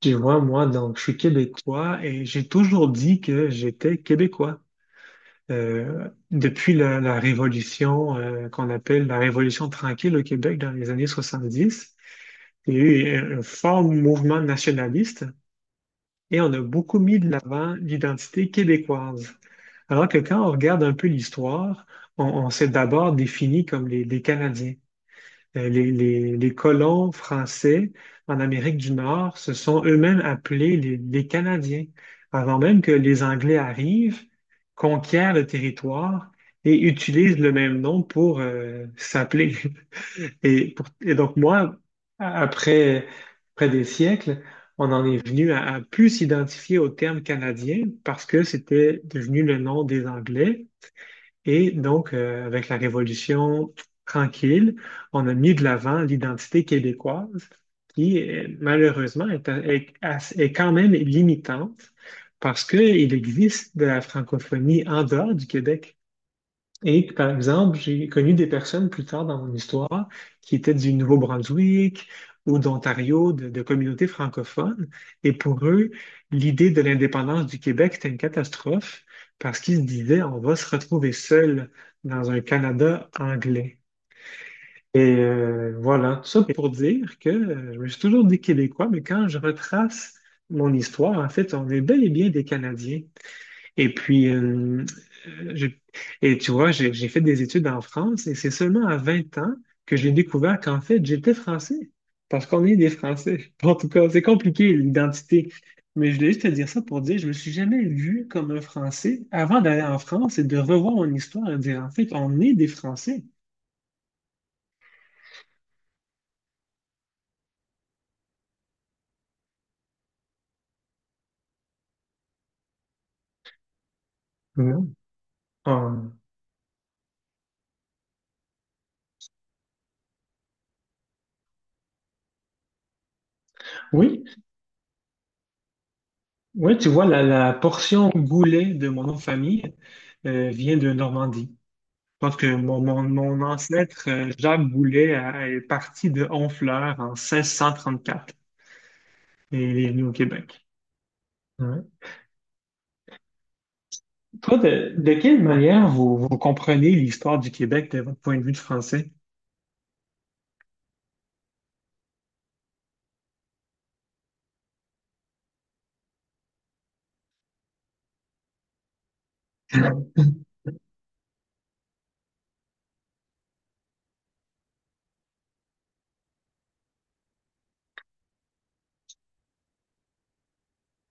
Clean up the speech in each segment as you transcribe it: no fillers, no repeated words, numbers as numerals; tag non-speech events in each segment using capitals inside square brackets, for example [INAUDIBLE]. Tu vois, moi, donc, je suis québécois et j'ai toujours dit que j'étais québécois. Depuis la révolution qu'on appelle la Révolution tranquille au Québec dans les années 70. Il y a eu un fort mouvement nationaliste et on a beaucoup mis de l'avant l'identité québécoise. Alors que quand on regarde un peu l'histoire, on s'est d'abord défini comme les Canadiens. Les colons français en Amérique du Nord se sont eux-mêmes appelés les Canadiens, avant même que les Anglais arrivent, conquièrent le territoire et utilisent le même nom pour s'appeler. [LAUGHS] Et donc moi, après, après des siècles, on en est venu à plus s'identifier au terme canadien parce que c'était devenu le nom des Anglais. Et donc, avec la Révolution tranquille, on a mis de l'avant l'identité québécoise qui, malheureusement, est quand même limitante parce qu'il existe de la francophonie en dehors du Québec. Et que, par exemple, j'ai connu des personnes plus tard dans mon histoire qui étaient du Nouveau-Brunswick ou d'Ontario, de communautés francophones. Et pour eux, l'idée de l'indépendance du Québec était une catastrophe parce qu'ils se disaient, on va se retrouver seul dans un Canada anglais. Et voilà, tout ça pour dire que je me suis toujours dit Québécois, mais quand je retrace mon histoire, en fait, on est bel et bien des Canadiens. Et puis, euh, je- et tu vois, j'ai fait des études en France et c'est seulement à 20 ans que j'ai découvert qu'en fait, j'étais français. Parce qu'on est des Français. [LAUGHS] En tout cas, c'est compliqué, l'identité. Mais je voulais juste te dire ça pour dire, je me suis jamais vu comme un Français avant d'aller en France et de revoir mon histoire et dire, en fait, on est des Français. Non. On- Oui, oui, tu vois, la portion goulet de mon nom de famille vient de Normandie. Je pense que mon ancêtre, Jacques Boulet, est parti de Honfleur en 1634 et il est venu au Québec. Ouais. Toi, de quelle manière vous, vous comprenez l'histoire du Québec de votre point de vue de français?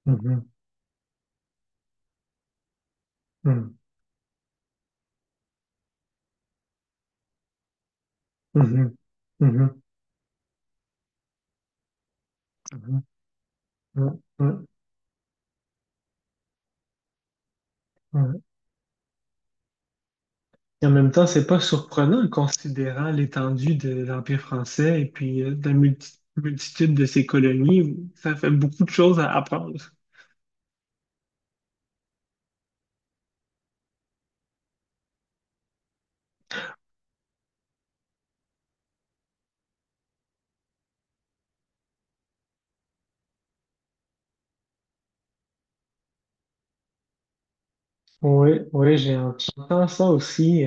Mhm, mhm, mhm, mhm, mhm, mhm, mhm, mhm. Et en même temps, c'est pas surprenant considérant l'étendue de l'Empire français et puis de la multitude de ses colonies. Ça fait beaucoup de choses à apprendre. Oui, oui, j'entends ça aussi.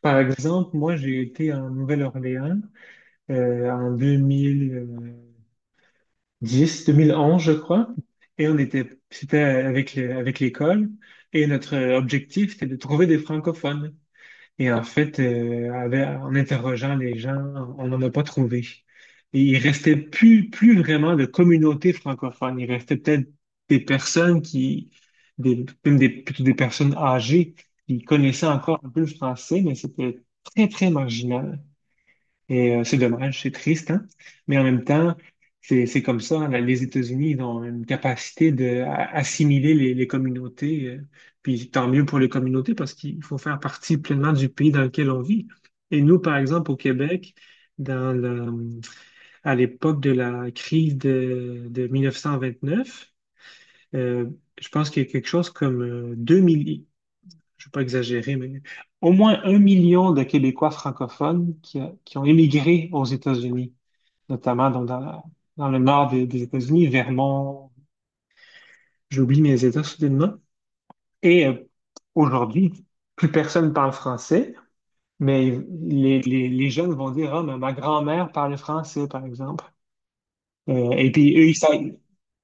Par exemple, moi, j'ai été en Nouvelle-Orléans en 2010, 2011, je crois. Et on était, c'était avec avec l'école. Et notre objectif, c'était de trouver des francophones. Et en fait, en interrogeant les gens, on n'en a pas trouvé. Et il restait plus, plus vraiment de communauté francophone. Il restait peut-être des personnes qui, des, même des, plutôt des personnes âgées qui connaissaient encore un peu le français, mais c'était très, très marginal. Et c'est dommage, c'est triste, hein? Mais en même temps, c'est comme ça, hein. Les États-Unis, ils ont une capacité d'assimiler les communautés. Puis tant mieux pour les communautés parce qu'il faut faire partie pleinement du pays dans lequel on vit. Et nous, par exemple, au Québec, dans le- à l'époque de la crise de 1929, euh, je pense qu'il y a quelque chose comme 2 millions, je ne vais pas exagérer, mais au moins 1 million de Québécois francophones qui, qui ont émigré aux États-Unis notamment dans le nord des États-Unis, Vermont, j'oublie mes États soudainement. Et aujourd'hui, plus personne parle français, mais les jeunes vont dire, ah, mais ma grand-mère parle français, par exemple. Et puis eux,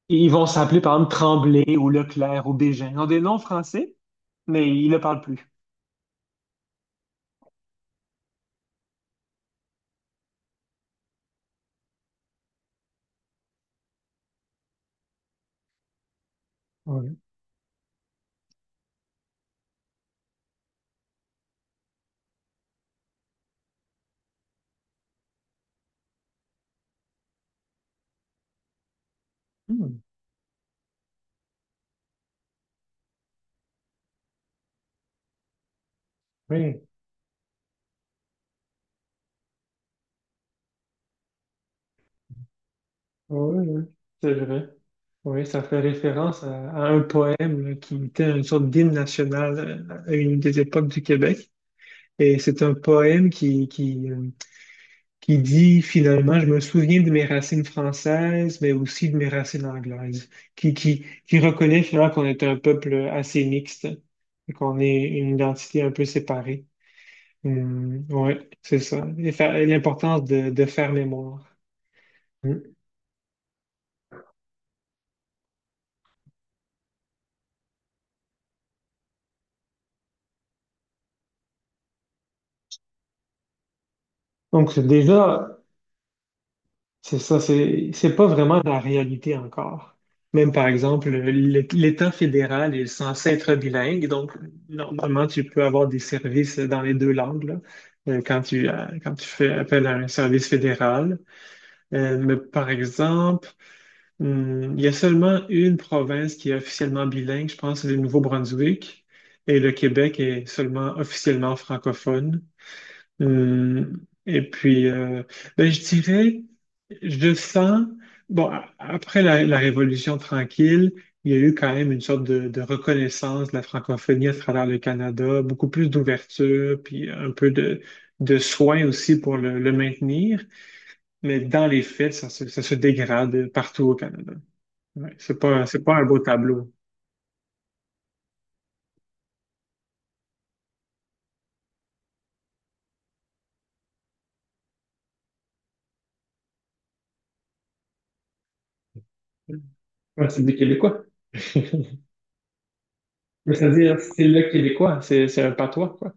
ils vont s'appeler, par exemple, Tremblay ou Leclerc ou Bégin. Ils ont des noms français, mais ils ne le parlent plus. Oui. Hmm. Oui. Oui, oui, c'est vrai. Oui, ça fait référence à un poème là, qui était une sorte d'hymne national à une des époques du Québec. Et c'est un poème qui, qui dit finalement, je me souviens de mes racines françaises, mais aussi de mes racines anglaises, qui reconnaît finalement qu'on est un peuple assez mixte et qu'on est une identité un peu séparée. Oui, c'est ça. Et l'importance de faire mémoire. Mm. Donc déjà, c'est ça, c'est pas vraiment la réalité encore. Même par exemple, l'État fédéral est censé être bilingue, donc normalement tu peux avoir des services dans les deux langues là, quand tu fais appel à un service fédéral. Mais par exemple, il y a seulement une province qui est officiellement bilingue, je pense, c'est le Nouveau-Brunswick, et le Québec est seulement officiellement francophone. Hum, Et puis, ben, je dirais, je sens, bon, après la Révolution tranquille, il y a eu quand même une sorte de reconnaissance de la francophonie à travers le Canada, beaucoup plus d'ouverture, puis un peu de soin aussi pour le maintenir. Mais dans les faits, ça se dégrade partout au Canada. Ouais, c'est pas un beau tableau. Ouais, c'est des Québécois. [LAUGHS] Mais c'est-à-dire, c'est le Québécois, c'est un patois, quoi.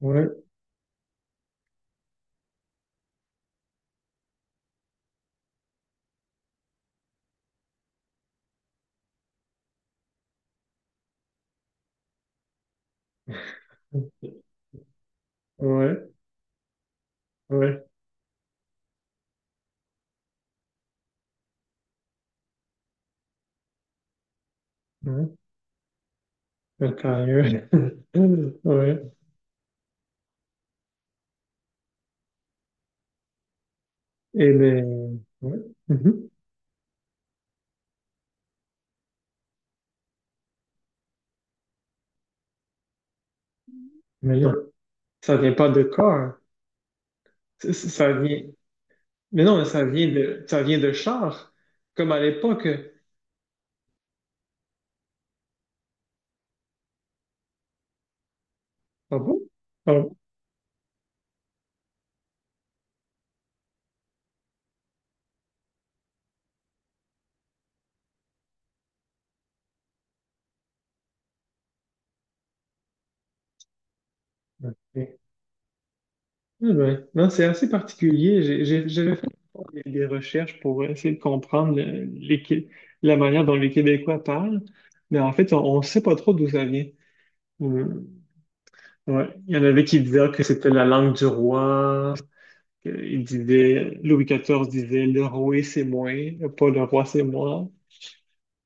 Ouais, ouais. Ouais, ouais, sérieux. [LAUGHS] Ouais. Et les... ouais. Mhm. Mais non, ça vient pas de corps, hein. Ça, ça- vient... Mais non, mais ça vient de char, comme à l'époque. Ah bon? Ah bon? Ok. Eh ben, non, c'est assez particulier. J'avais fait des recherches pour essayer de comprendre la manière dont les Québécois parlent, mais en fait, on ne sait pas trop d'où ça vient. Mhm. Ouais. Il y en avait qui disaient que c'était la langue du roi. Il disait, Louis XIV disait, le roi c'est moi, pas le roi c'est moi.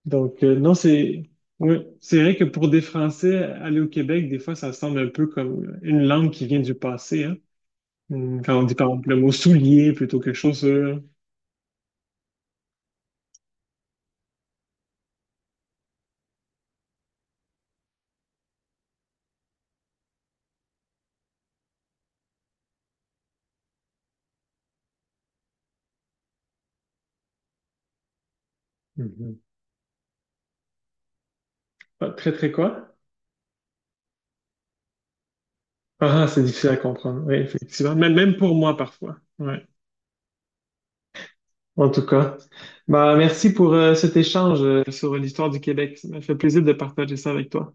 Donc, non, c'est, ouais, c'est vrai que pour des Français, aller au Québec, des fois, ça semble un peu comme une langue qui vient du passé, hein. Quand on dit, par exemple, le mot soulier plutôt que chaussure. Mhm. Pas très, très quoi? Ah, ah, c'est difficile à comprendre. Oui, effectivement. Même, même pour moi, parfois. Ouais. En tout cas. Bah, merci pour cet échange sur l'histoire du Québec. Ça m'a fait plaisir de partager ça avec toi.